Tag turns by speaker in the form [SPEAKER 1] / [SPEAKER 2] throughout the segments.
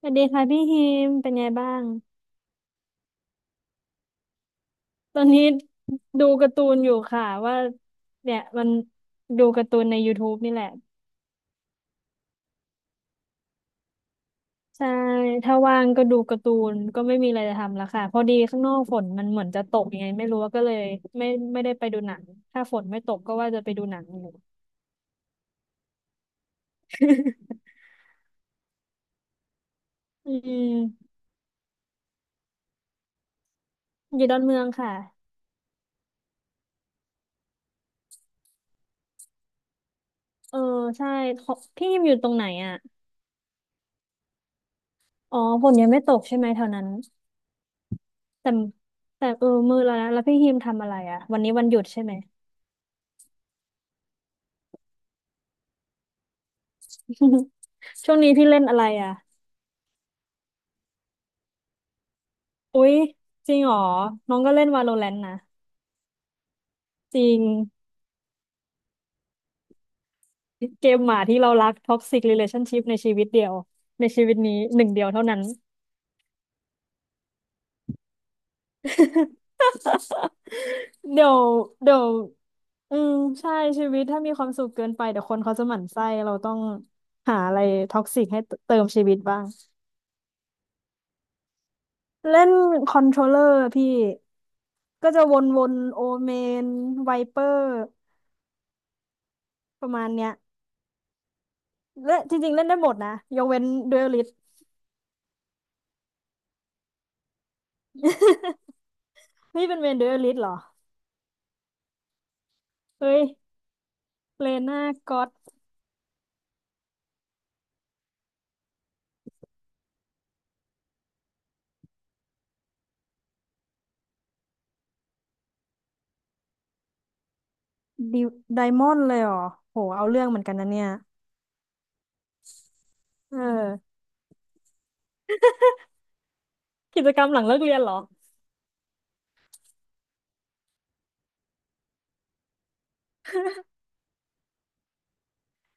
[SPEAKER 1] สวัสดีค่ะพี่ฮิมเป็นไงบ้างตอนนี้ดูการ์ตูนอยู่ค่ะว่าเนี่ยมันดูการ์ตูนใน YouTube นี่แหละใช่ถ้าว่างก็ดูการ์ตูนก็ไม่มีอะไรจะทำแล้วค่ะพอดีข้างนอกฝนมันเหมือนจะตกยังไงไม่รู้ก็เลยไม่ไม่ได้ไปดูหนังถ้าฝนไม่ตกก็ว่าจะไปดูหนังอยู่ อืมอยู่ดอนเมืองค่ะเออใช่ขอพี่ฮิมอยู่ตรงไหนอ่ะอ๋อฝนยังไม่ตกใช่ไหมแถวนั้นแต่แต่เออมืดแล้วนะแล้วพี่ฮิมทำอะไรอ่ะวันนี้วันหยุดใช่ไหม ช่วงนี้พี่เล่นอะไรอ่ะ อุ๊ยจริงเหรอน้องก็เล่น Valorant นะจริงเกมหมาที่เรารัก Toxic Relationship ในชีวิตเดียวในชีวิตนี้หนึ่งเดียวเท่านั้น เดี๋ยวเดี๋ยวอืมใช่ชีวิตถ้ามีความสุขเกินไปเดี๋ยวคนเขาจะหมั่นไส้เราต้องหาอะไรท็อกซิกให้เติมชีวิตบ้างเล่นคอนโทรลเลอร์พี่ก็จะวนๆโอเมนไวเปอร์ประมาณเนี้ย และจริงๆเล่นได้หมดนะยกเว้นดูอลิสนี่เป็นเวนดูอลลิสเหรอเฮ้ยเลน่าก็อตดิไดมอนด์เลยเหรอโหเอาเรื่องเหมือนกันนะเนี่ยเออกิจกรรมหลังเลิกเรียนเหรอ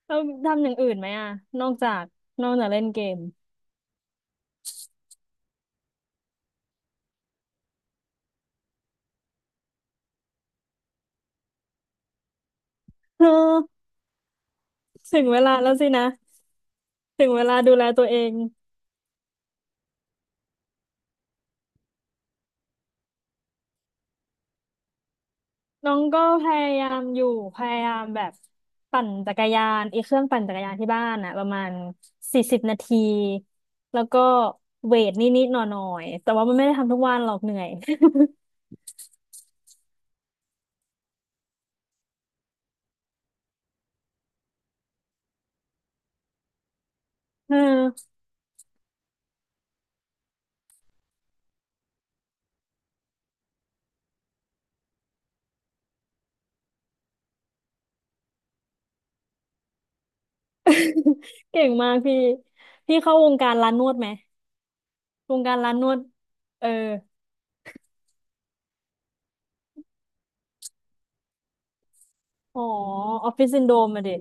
[SPEAKER 1] เราทำอย่างอื่นไหมอะนอกจากนอกจากเล่นเกม เออถึงเวลาแล้วสินะถึงเวลาดูแลตัวเอง น้องก็พยายามอยู่พยายามแบบปั่นจักรยานไอ้เครื่องปั่นจักรยานที่บ้านอะประมาณ40 นาทีแล้วก็เวทนิดๆหน่อยๆแต่ว่ามันไม่ได้ทำทุกวันหรอกเหนื่อย เออ เก่งมากพี่พี่เข้าวงการร้านนวดไหมวงการร้านนวดเอออ๋อออฟฟิศซินโดรมอะดิ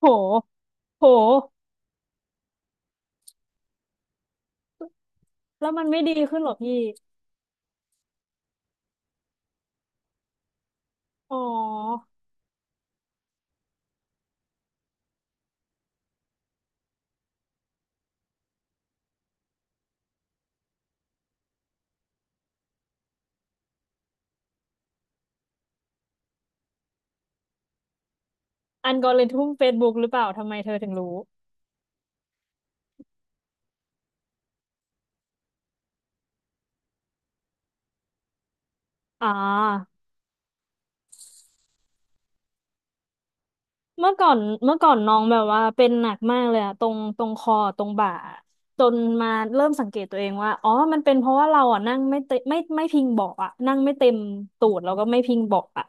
[SPEAKER 1] โหโหแล้วมันไม่ดีขึ้นหรอพี่อ๋ออันกอริทึมเฟซบุ๊กหรือเปล่าทำไมเธอถึงรู้อ่า เมื่อก่อนเมื่อก่อนน้องแบบว่าเป็นหนักมากเลยอะตรงคอตรงบ่าจนมาเริ่มสังเกตตัวเองว่าอ๋อมันเป็นเพราะว่าเราอ่ะนั่งไม่เต็มไม่พิงเบาะอ่ะนั่งไม่เต็มตูดแล้วก็ไม่พิงเบาะอ่ะ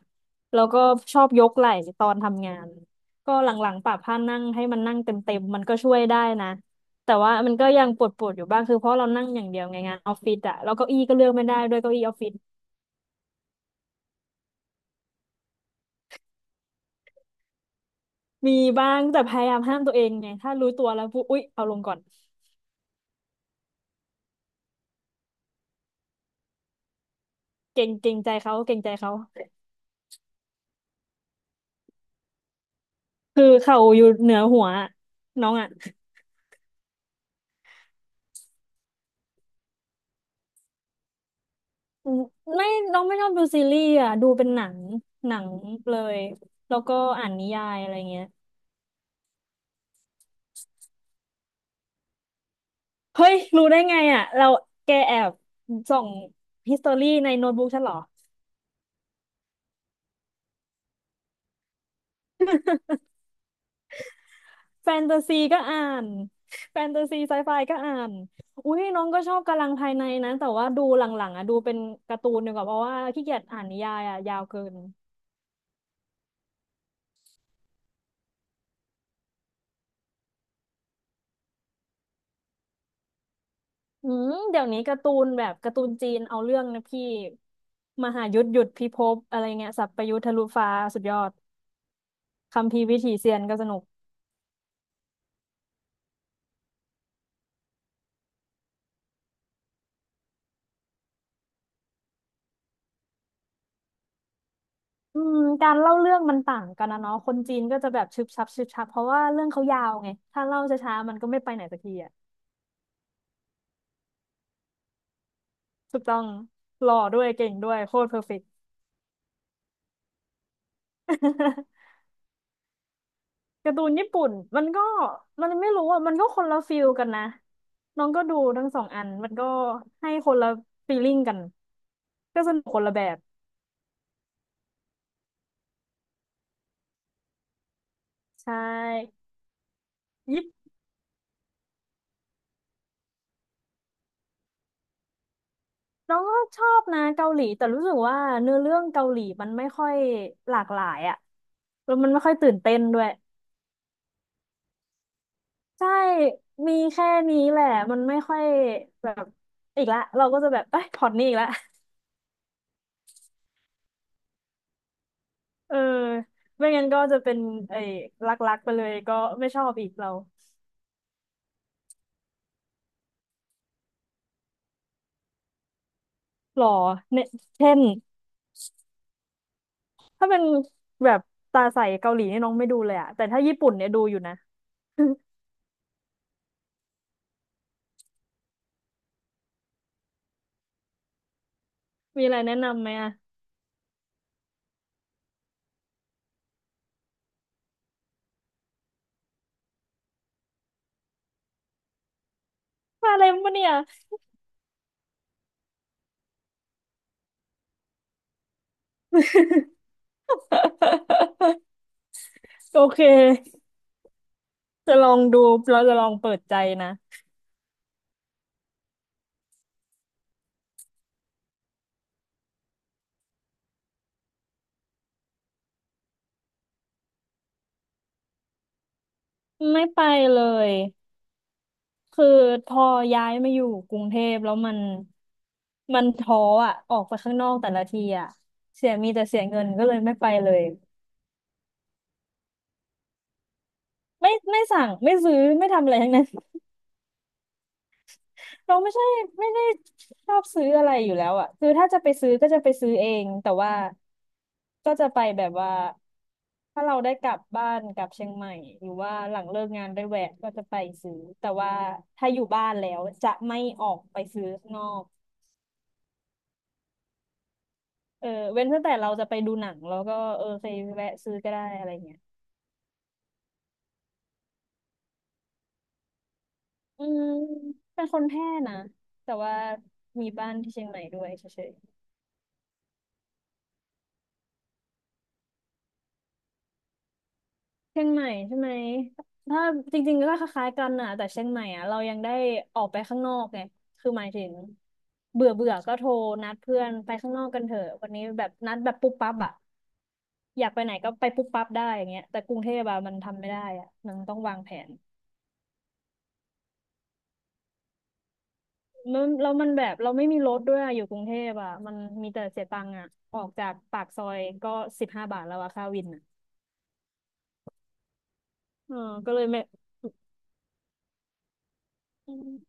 [SPEAKER 1] แล้วก็ชอบยกไหล่ตอนทำงานก็หลังๆปรับผ้านั่งให้มันนั่งเต็มๆมันก็ช่วยได้นะแต่ว่ามันก็ยังปวดๆอยู่บ้างคือเพราะเรานั่งอย่างเดียวไงงานออฟฟิศอะแล้วเก้าอี้ก็เลือกไม่ได้ด้วยเก้าอี้ออฟฟิศมีบ้างแต่พยายามห้ามตัวเองไงถ้ารู้ตัวแล้วปุ๊บอุ๊ยเอาลงก่อน เก่งเก่งใจเขาเก่งใจเขาคือเขาอยู่เหนือหัวอะน้องอ่ะอืมไม่น้องไม่ชอบดูซีรีส์อ่ะดูเป็นหนังหนังเลยแล้วก็อ่านนิยายอะไรเงี้ยเฮ้ยรู้ได้ไงอ่ะเราแกแอบส่องฮิสตอรี่ในโน้ตบุ๊กฉันเหรอแฟนตาซีก็อ่านแฟนตาซีไซไฟก็อ่านอุ้ยน้องก็ชอบกำลังภายในนะแต่ว่าดูหลังๆอ่ะดูเป็นการ์ตูนดีกว่าเพราะว่าขี้เกียจอ่านนิยายอ่ะยาวเกิน อืมเดี๋ยวนี้การ์ตูนแบบการ์ตูนจีนเอาเรื่องนะพี่มหายุทธหยุดพิภพอะไรเงี้ยสัพพยุทธทะลุฟ้าสุดยอดคัมภีร์วิถีเซียนก็สนุกอืมการเล่าเรื่องมันต่างกันนะเนาะคนจีนก็จะแบบชึบชับชึบชับเพราะว่าเรื่องเขายาวไงถ้าเล่าช้าๆมันก็ไม่ไปไหนสักทีอ่ะถูกต้องหล่อด้วยเก่งด้วยโคตรเพอร์เฟกต์ การ์ตูนญี่ปุ่นมันก็มันไม่รู้อ่ะมันก็คนละฟีลกันนะน้องก็ดูทั้งสองอันมันก็ให้คนละฟีลลิ่งกันก็สนุกคนละแบบ ใช่ญี่ปุ่นน้องก็ชอบนะเกาหลีแต่รู้สึกว่าเนื้อเรื่องเกาหลีมันไม่ค่อยหลากหลายอะแล้วมันไม่ค่อยตื่นเต้นด้วยใช่มีแค่นี้แหละมันไม่ค่อยแบบอีกละเราก็จะแบบเอ้ยพล็อตนี้อีกละเออไม่งั้นก็จะเป็นไอ้รักๆไปเลยก็ไม่ชอบอีกเราหล่อเนี่ยเช่นถ้าเป็นแบบตาใสเกาหลีเนี่ยน้องไม่ดูเลยอะแต่ถ้าญี่ปุ่นเนี่ยดูอยู่นะ มีอะไรแนะนำไหมอะมาอะไรมาเนี่ย โอเค จะลองดูเราจะลองเปิดใจนะไม่ไปเลยคือพอย้ายมาอยู่กรุงเทพแล้วมันมันท้ออ่ะออกไปข้างนอกแต่ละทีอ่ะเสียมีแต่เสียเงินก็เลยไม่ไปเลยไม่สั่งไม่ซื้อไม่ทำอะไรทั้งนั้น เราไม่ใช่ไม่ได้ชอบซื้ออะไรอยู่แล้วอ่ะคือถ้าจะไปซื้อก็จะไปซื้อเองแต่ว่าก็จะไปแบบว่าถ้าเราได้กลับบ้านกลับเชียงใหม่หรือว่าหลังเลิกงานได้แวะก็จะไปซื้อแต่ว่าถ้าอยู่บ้านแล้วจะไม่ออกไปซื้อข้างนอกเออเว้นตั้งแต่เราจะไปดูหนังแล้วก็เออไปแวะซื้อก็ได้อะไรเงี้ยอืมเป็นคนแพร่นะแต่ว่ามีบ้านที่เชียงใหม่ด้วยเฉย เชียงใหม่ใช่ไหมถ้าจริงๆก็คล้ายๆกันน่ะแต่เชียงใหม่อ่ะเรายังได้ออกไปข้างนอกไงคือหมายถึงเบื่อเบื่อก็โทรนัดเพื่อนไปข้างนอกกันเถอะวันนี้แบบนัดแบบปุ๊บปั๊บอ่ะอยากไปไหนก็ไปปุ๊บปั๊บได้อย่างเงี้ยแต่กรุงเทพอะมันทำไม่ได้อ่ะมันต้องวางแผนมันแล้วมันแบบเราไม่มีรถด้วยอะอยู่กรุงเทพอ่ะมันมีแต่เสียตังค์อ่ะออกจากปากซอยก็15 บาทแล้วอะค่าวินอ่ะเออก็เลยไม่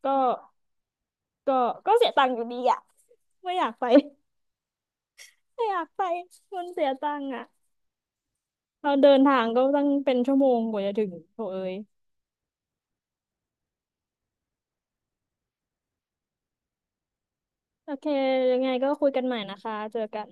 [SPEAKER 1] ก็ก็ก็เสียตังค์อยู่ดีอ่ะไม่อยากไป ไม่อยากไปมันเสียตังค์อ่ะเราเดินทางก็ตั้งเป็นชั่วโมงกว่าจะถึงโถเอ้ยโอเคยังไงก็คุยกันใหม่นะคะเจอกัน